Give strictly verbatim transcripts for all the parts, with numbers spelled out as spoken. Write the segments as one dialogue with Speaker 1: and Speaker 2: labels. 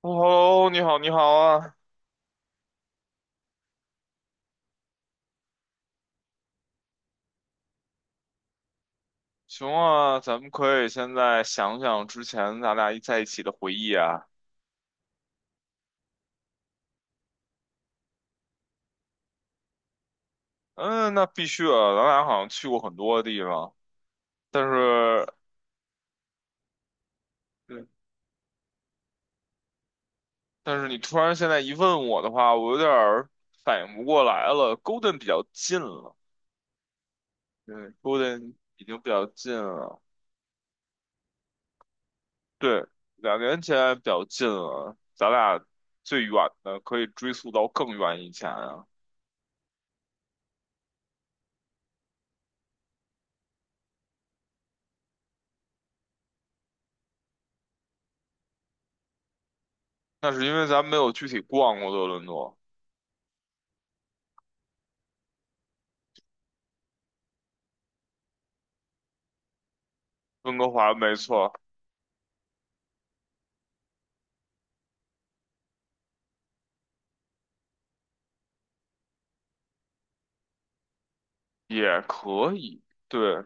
Speaker 1: 哦，你好，你好啊，行啊，咱们可以现在想想之前咱俩一在一起的回忆啊。嗯，那必须的，咱俩好像去过很多地方，但是，对，但是你突然现在一问我的话，我有点儿反应不过来了。Golden 比较近了，对，Golden 已经比较近了，对，两年前比较近了，咱俩最远的可以追溯到更远以前啊。那是因为咱没有具体逛过多伦多。温哥华没错，也可以。对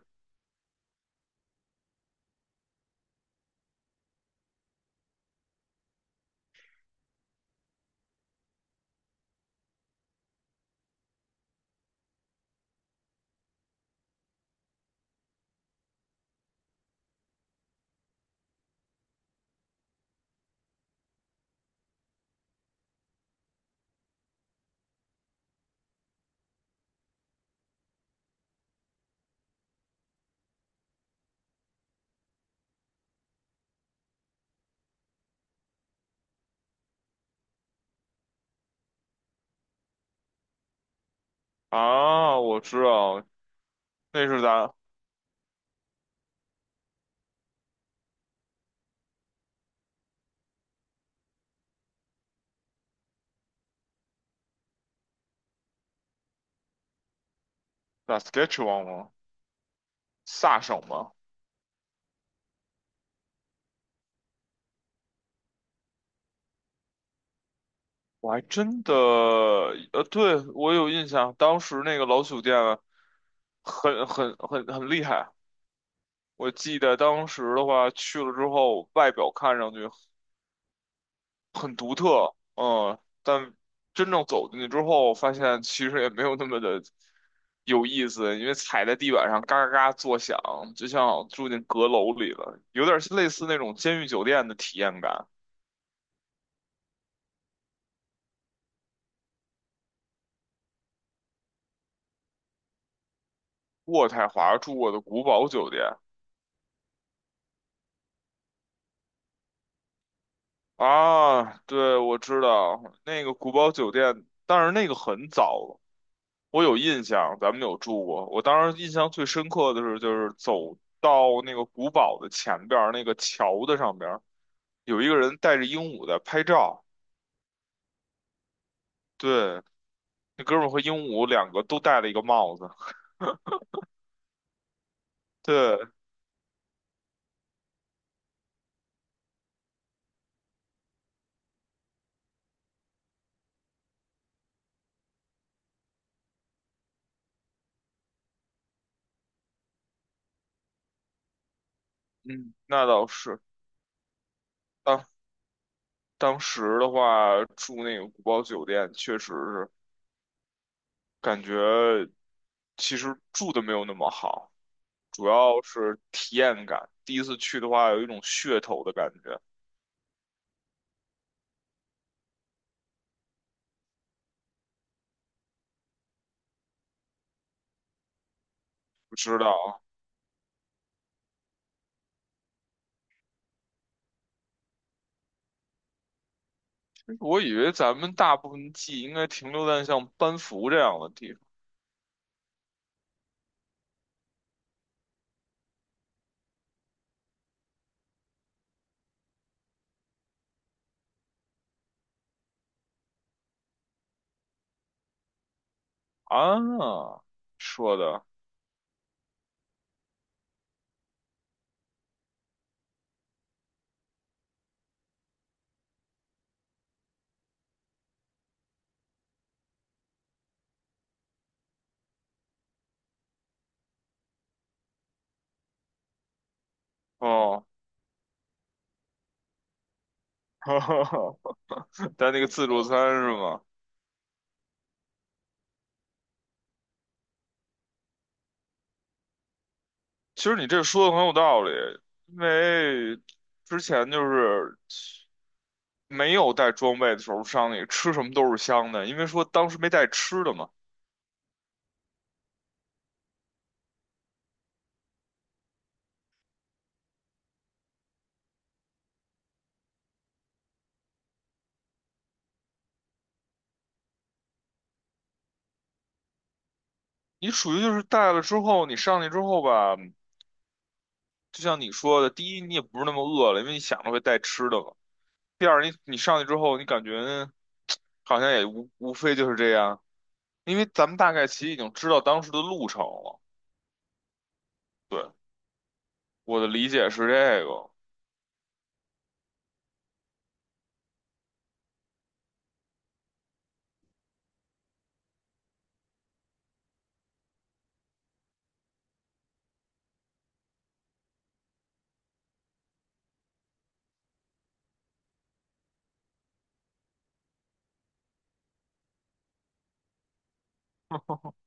Speaker 1: 啊，我知道，那是咱咱 S A S K A T C H E W A N 吗？萨省吗？我还真的，呃，对，我有印象，当时那个老酒店啊很很很很厉害。我记得当时的话，去了之后，外表看上去。很独特，嗯，但真正走进去之后，发现其实也没有那么的有意思，因为踩在地板上嘎嘎嘎作响，就像住进阁楼里了，有点类似那种监狱酒店的体验感。渥太华住过的古堡酒店啊，对，我知道那个古堡酒店，但是那个很早我有印象，咱们有住过。我当时印象最深刻的是，就是走到那个古堡的前边儿那个桥的上边儿，有一个人带着鹦鹉在拍照。对，那哥们儿和鹦鹉两个都戴了一个帽子。对，嗯，那倒是。当当时的话，住那个古堡酒店，确实是感觉其实住的没有那么好，主要是体验感。第一次去的话，有一种噱头的感觉，不知道。我以为咱们大部分记忆应该停留在像班服这样的地方啊，说的哦，在那个自助餐是吗？其实你这说的很有道理，因为之前就是没有带装备的时候，上去吃什么都是香的，因为说当时没带吃的嘛。你属于就是带了之后，你上去之后吧，就像你说的，第一你也不是那么饿了，因为你想着会带吃的嘛。第二，你你上去之后，你感觉。好像也无无非就是这样，因为咱们大概其实已经知道当时的路程了。对，我的理解是这个，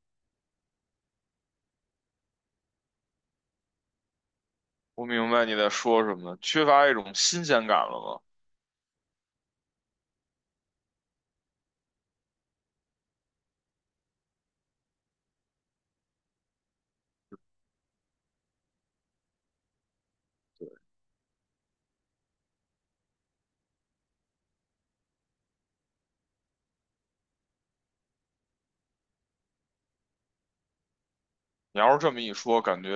Speaker 1: 我明白你在说什么，缺乏一种新鲜感了吗？你要是这么一说，感觉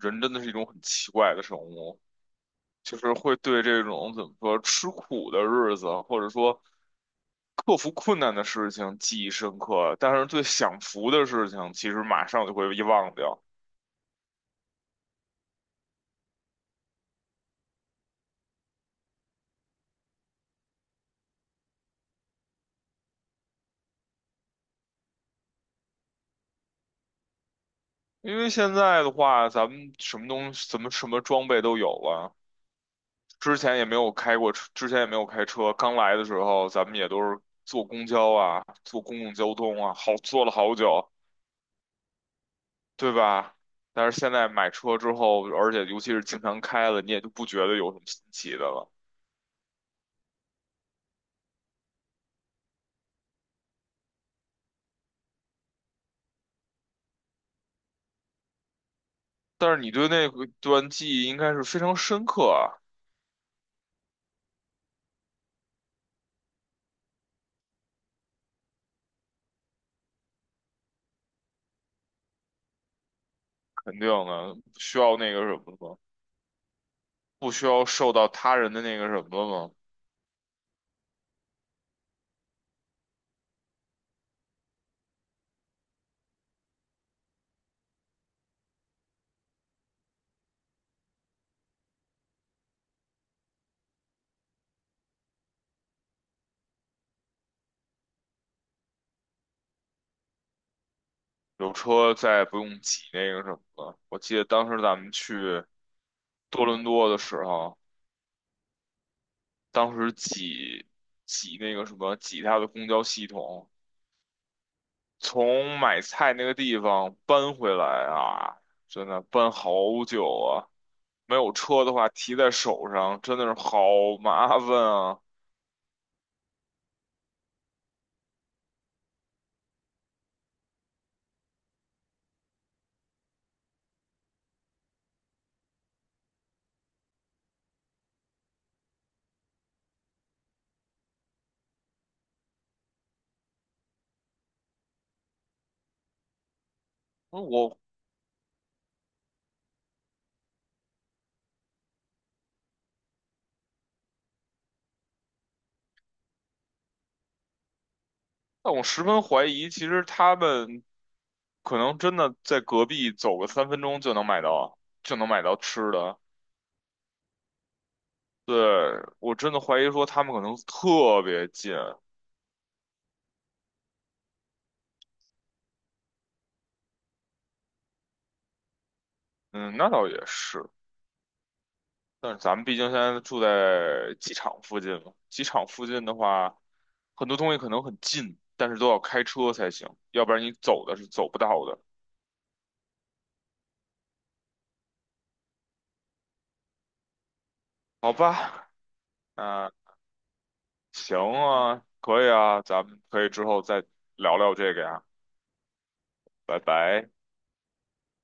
Speaker 1: 人真的是一种很奇怪的生物，就是会对这种怎么说吃苦的日子，或者说克服困难的事情记忆深刻，但是对享福的事情，其实马上就会遗忘掉。因为现在的话，咱们什么东西、怎么什么装备都有了。之前也没有开过车，之前也没有开车。刚来的时候，咱们也都是坐公交啊，坐公共交通啊，好坐了好久，对吧？但是现在买车之后，而且尤其是经常开了，你也就不觉得有什么新奇的了。但是你对那个段记忆应该是非常深刻啊，肯定的，不需要那个什么了吗？不需要受到他人的那个什么了有车再也不用挤那个什么了。我记得当时咱们去多伦多的时候，当时挤挤那个什么挤它的公交系统，从买菜那个地方搬回来啊，真的搬好久啊。没有车的话，提在手上真的是好麻烦啊。我，但我十分怀疑，其实他们可能真的在隔壁走个三分钟就能买到，就能买到吃的。对，我真的怀疑说他们可能特别近，嗯，那倒也是，但是咱们毕竟现在住在机场附近嘛，机场附近的话，很多东西可能很近，但是都要开车才行，要不然你走的是走不到的，好吧？那行啊，可以啊，咱们可以之后再聊聊这个呀，拜拜。